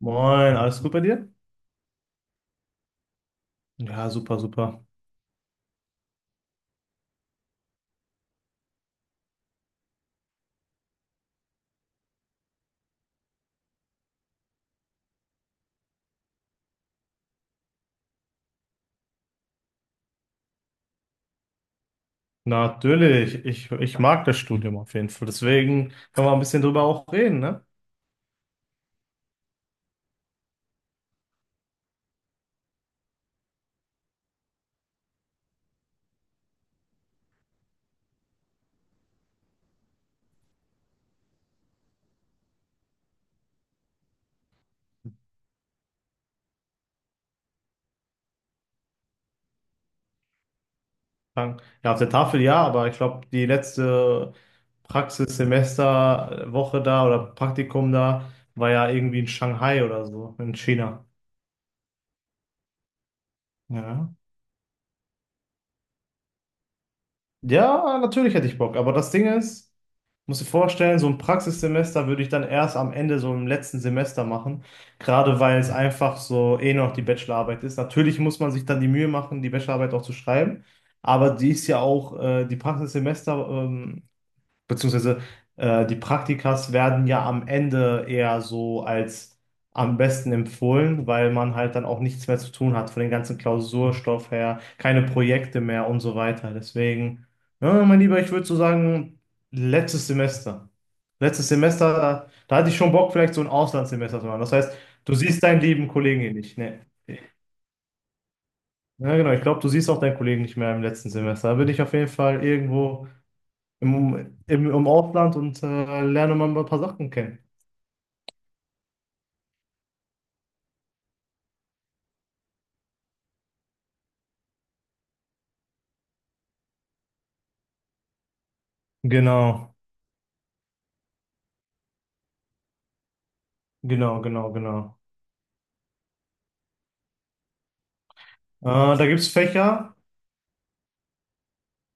Moin, alles gut bei dir? Ja, super, super. Natürlich, ich mag das Studium auf jeden Fall. Deswegen können wir ein bisschen drüber auch reden, ne? Sagen, ja, auf der Tafel ja, aber ich glaube, die letzte Praxissemesterwoche da oder Praktikum da war ja irgendwie in Shanghai oder so, in China. Ja. Ja, natürlich hätte ich Bock, aber das Ding ist, musst du dir vorstellen, so ein Praxissemester würde ich dann erst am Ende, so im letzten Semester machen, gerade weil es einfach so eh noch die Bachelorarbeit ist. Natürlich muss man sich dann die Mühe machen, die Bachelorarbeit auch zu schreiben, aber die ist ja auch, die Praxissemester, beziehungsweise die Praktikas werden ja am Ende eher so als am besten empfohlen, weil man halt dann auch nichts mehr zu tun hat von den ganzen Klausurstoff her, keine Projekte mehr und so weiter. Deswegen, ja, mein Lieber, ich würde so sagen, letztes Semester. Letztes Semester, da hatte ich schon Bock, vielleicht so ein Auslandssemester zu machen. Das heißt, du siehst deinen lieben Kollegen hier nicht. Ne? Ja, genau, ich glaube, du siehst auch deinen Kollegen nicht mehr im letzten Semester. Da bin ich auf jeden Fall irgendwo im Ausland und lerne mal ein paar Sachen kennen. Genau, genau, genau, genau. Äh, Da gibt es Fächer.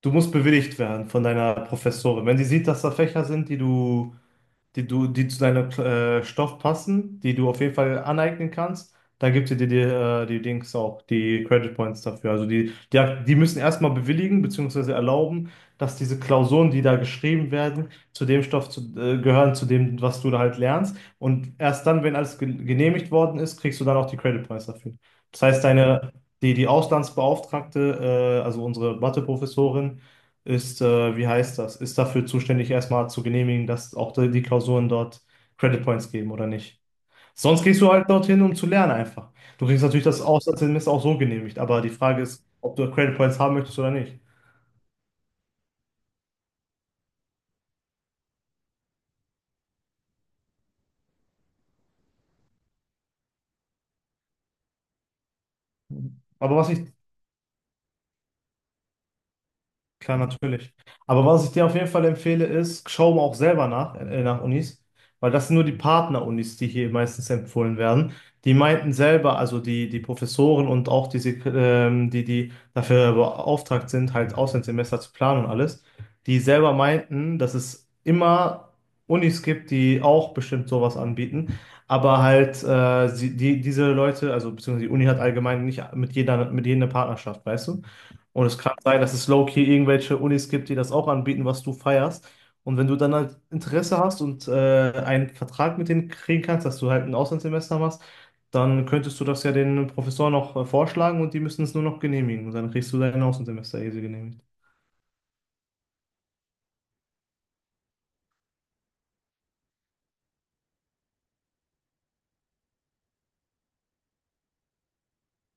Du musst bewilligt werden von deiner Professorin. Wenn sie sieht, dass da Fächer sind, die zu deinem Stoff passen, die du auf jeden Fall aneignen kannst, dann gibt sie dir die, die Dings auch, die Credit Points dafür. Also die müssen erstmal bewilligen bzw. erlauben, dass diese Klausuren, die da geschrieben werden, zu dem Stoff zu, gehören, zu dem, was du da halt lernst. Und erst dann, wenn alles genehmigt worden ist, kriegst du dann auch die Credit Points dafür. Das heißt, deine die Auslandsbeauftragte, also unsere Matheprofessorin, ist, wie heißt das, ist dafür zuständig, erstmal zu genehmigen, dass auch die Klausuren dort Credit Points geben oder nicht. Sonst gehst du halt dorthin, um zu lernen einfach. Du kriegst natürlich das Auslandssemester auch so genehmigt, aber die Frage ist, ob du Credit Points haben möchtest oder nicht. Aber was ich, klar, natürlich. Aber was ich dir auf jeden Fall empfehle, ist, schau mal auch selber nach, nach Unis, weil das sind nur die Partner-Unis, die hier meistens empfohlen werden. Die meinten selber, also die Professoren und auch diese, die dafür beauftragt sind, halt Auslandssemester zu planen und alles, die selber meinten, dass es immer Unis gibt, die auch bestimmt sowas anbieten, aber halt diese Leute, also beziehungsweise die Uni hat allgemein nicht mit jeder, mit jeder eine Partnerschaft, weißt du? Und es kann sein, dass es low-key irgendwelche Unis gibt, die das auch anbieten, was du feierst. Und wenn du dann halt Interesse hast und einen Vertrag mit denen kriegen kannst, dass du halt ein Auslandssemester machst, dann könntest du das ja den Professoren noch vorschlagen und die müssen es nur noch genehmigen. Und dann kriegst du dein Auslandssemester easy genehmigt.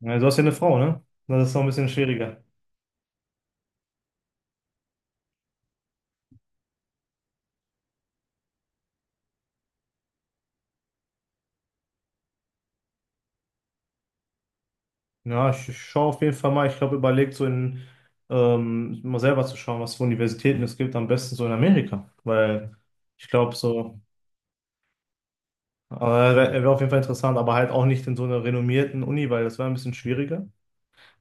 Ja, du hast ja eine Frau, ne? Das ist noch ein bisschen schwieriger. Ja, ich schaue auf jeden Fall mal. Ich glaube, überlegt so in, mal selber zu schauen, was für Universitäten es gibt, am besten so in Amerika. Weil ich glaube, so. Aber wäre auf jeden Fall interessant, aber halt auch nicht in so einer renommierten Uni, weil das wäre ein bisschen schwieriger,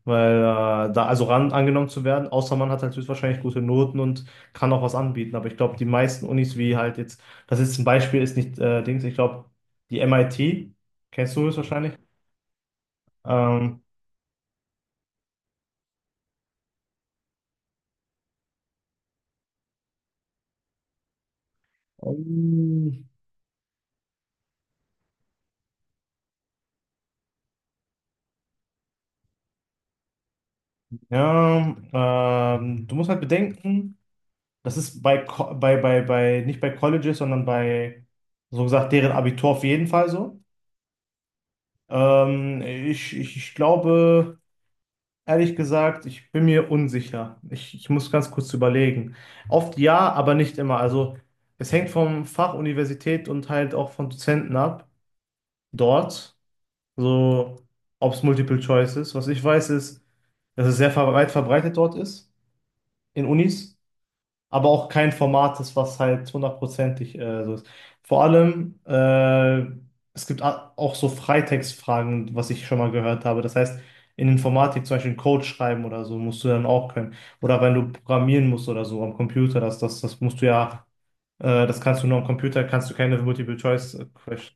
weil da also ran angenommen zu werden, außer man hat halt höchstwahrscheinlich gute Noten und kann auch was anbieten. Aber ich glaube, die meisten Unis, wie halt jetzt, das ist ein Beispiel, ist nicht Dings, ich glaube, die MIT, kennst du höchstwahrscheinlich. Ähm, ähm, ja, du musst halt bedenken, das ist bei, nicht bei Colleges, sondern bei, so gesagt, deren Abitur auf jeden Fall so. Ich glaube, ehrlich gesagt, ich bin mir unsicher. Ich muss ganz kurz überlegen. Oft ja, aber nicht immer. Also es hängt vom Fach, Universität und halt auch von Dozenten ab. Dort, so ob es Multiple Choice ist. Was ich weiß, ist, dass es sehr weit verbreitet dort ist, in Unis aber auch kein Format ist, was halt hundertprozentig so ist. Vor allem, es gibt auch so Freitextfragen, was ich schon mal gehört habe. Das heißt, in Informatik zum Beispiel einen Code schreiben oder so, musst du dann auch können. Oder wenn du programmieren musst oder so am Computer, das musst du ja, das kannst du nur am Computer, kannst du keine Multiple-Choice-Question.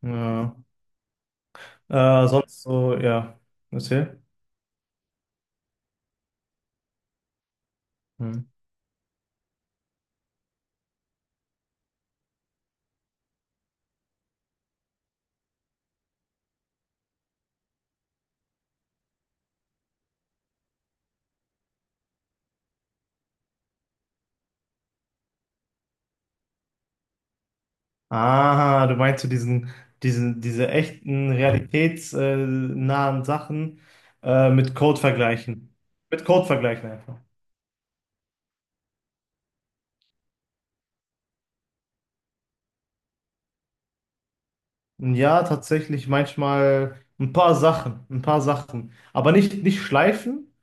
Ja. Sonst so, ja, erzähl. Hm. Ah, du meinst so diese echten, realitätsnahen Sachen mit Code vergleichen. Mit Code vergleichen einfach. Ja, tatsächlich manchmal ein paar Sachen, ein paar Sachen. Aber nicht, nicht schleifen,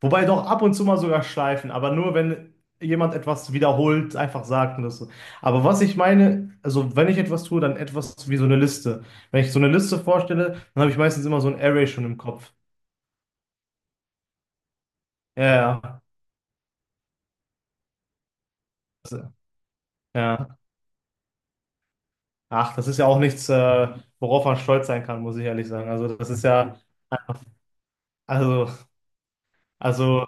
wobei doch ab und zu mal sogar schleifen, aber nur wenn jemand etwas wiederholt, einfach sagt und das so. Aber was ich meine, also wenn ich etwas tue, dann etwas wie so eine Liste. Wenn ich so eine Liste vorstelle, dann habe ich meistens immer so ein Array schon im Kopf. Ja, ja. Ja. Ach, das ist ja auch nichts, worauf man stolz sein kann, muss ich ehrlich sagen. Also das ist ja, also, also,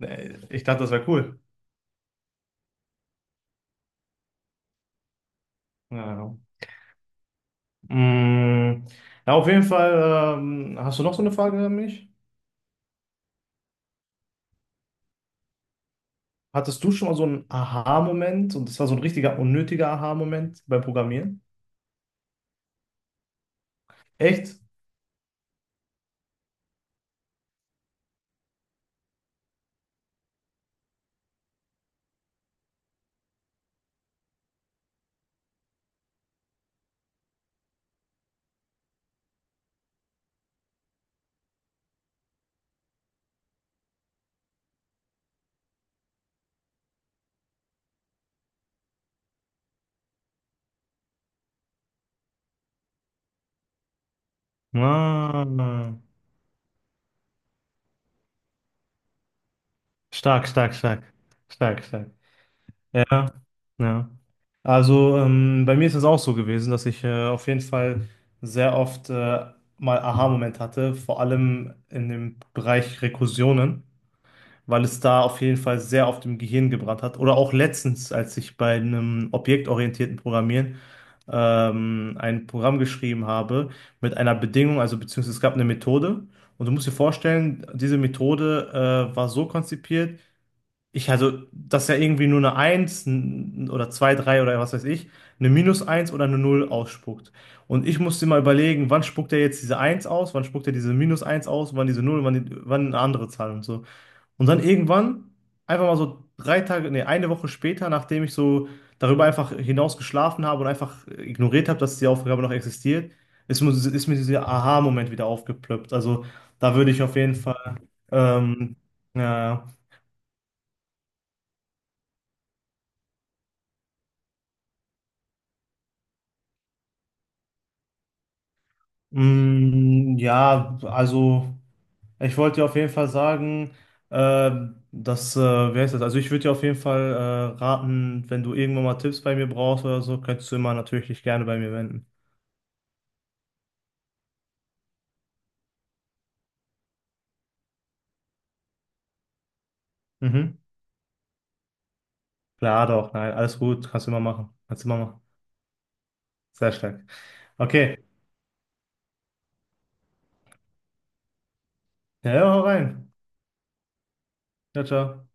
ich dachte, das wäre cool. Ja, ja. Mm, ja, auf jeden Fall, hast du noch so eine Frage an mich? Hattest du schon mal so einen Aha-Moment und das war so ein richtiger unnötiger Aha-Moment beim Programmieren? Echt? Ah, stark, stark, stark, stark, stark. Ja, ja. Also bei mir ist es auch so gewesen, dass ich auf jeden Fall sehr oft mal Aha-Moment hatte, vor allem in dem Bereich Rekursionen, weil es da auf jeden Fall sehr oft im Gehirn gebrannt hat. Oder auch letztens, als ich bei einem objektorientierten Programmieren ein Programm geschrieben habe mit einer Bedingung, also beziehungsweise es gab eine Methode. Und du musst dir vorstellen, diese Methode war so konzipiert, dass ja irgendwie nur eine eins oder 2 3 oder was weiß ich, eine minus eins oder eine null ausspuckt. Und ich musste mal überlegen, wann spuckt er jetzt diese eins aus, wann spuckt er diese minus eins aus, wann diese null wann, wann eine andere Zahl und so. Und dann irgendwann, einfach mal so drei Tage, nee, eine Woche später, nachdem ich so darüber einfach hinaus geschlafen habe und einfach ignoriert habe, dass die Aufgabe noch existiert, ist mir dieser Aha-Moment wieder aufgeplöppt. Also, da würde ich auf jeden Fall, ähm, ja. Mm, ja, also ich wollte dir auf jeden Fall sagen, äh, dass, wer ist das? Also ich würde dir auf jeden Fall raten, wenn du irgendwann mal Tipps bei mir brauchst oder so, könntest du immer natürlich dich gerne bei mir wenden. Mhm. Klar doch, nein, alles gut, kannst du immer machen. Kannst du immer machen. Sehr stark. Okay, ja, ja, hau rein. Ciao, ciao.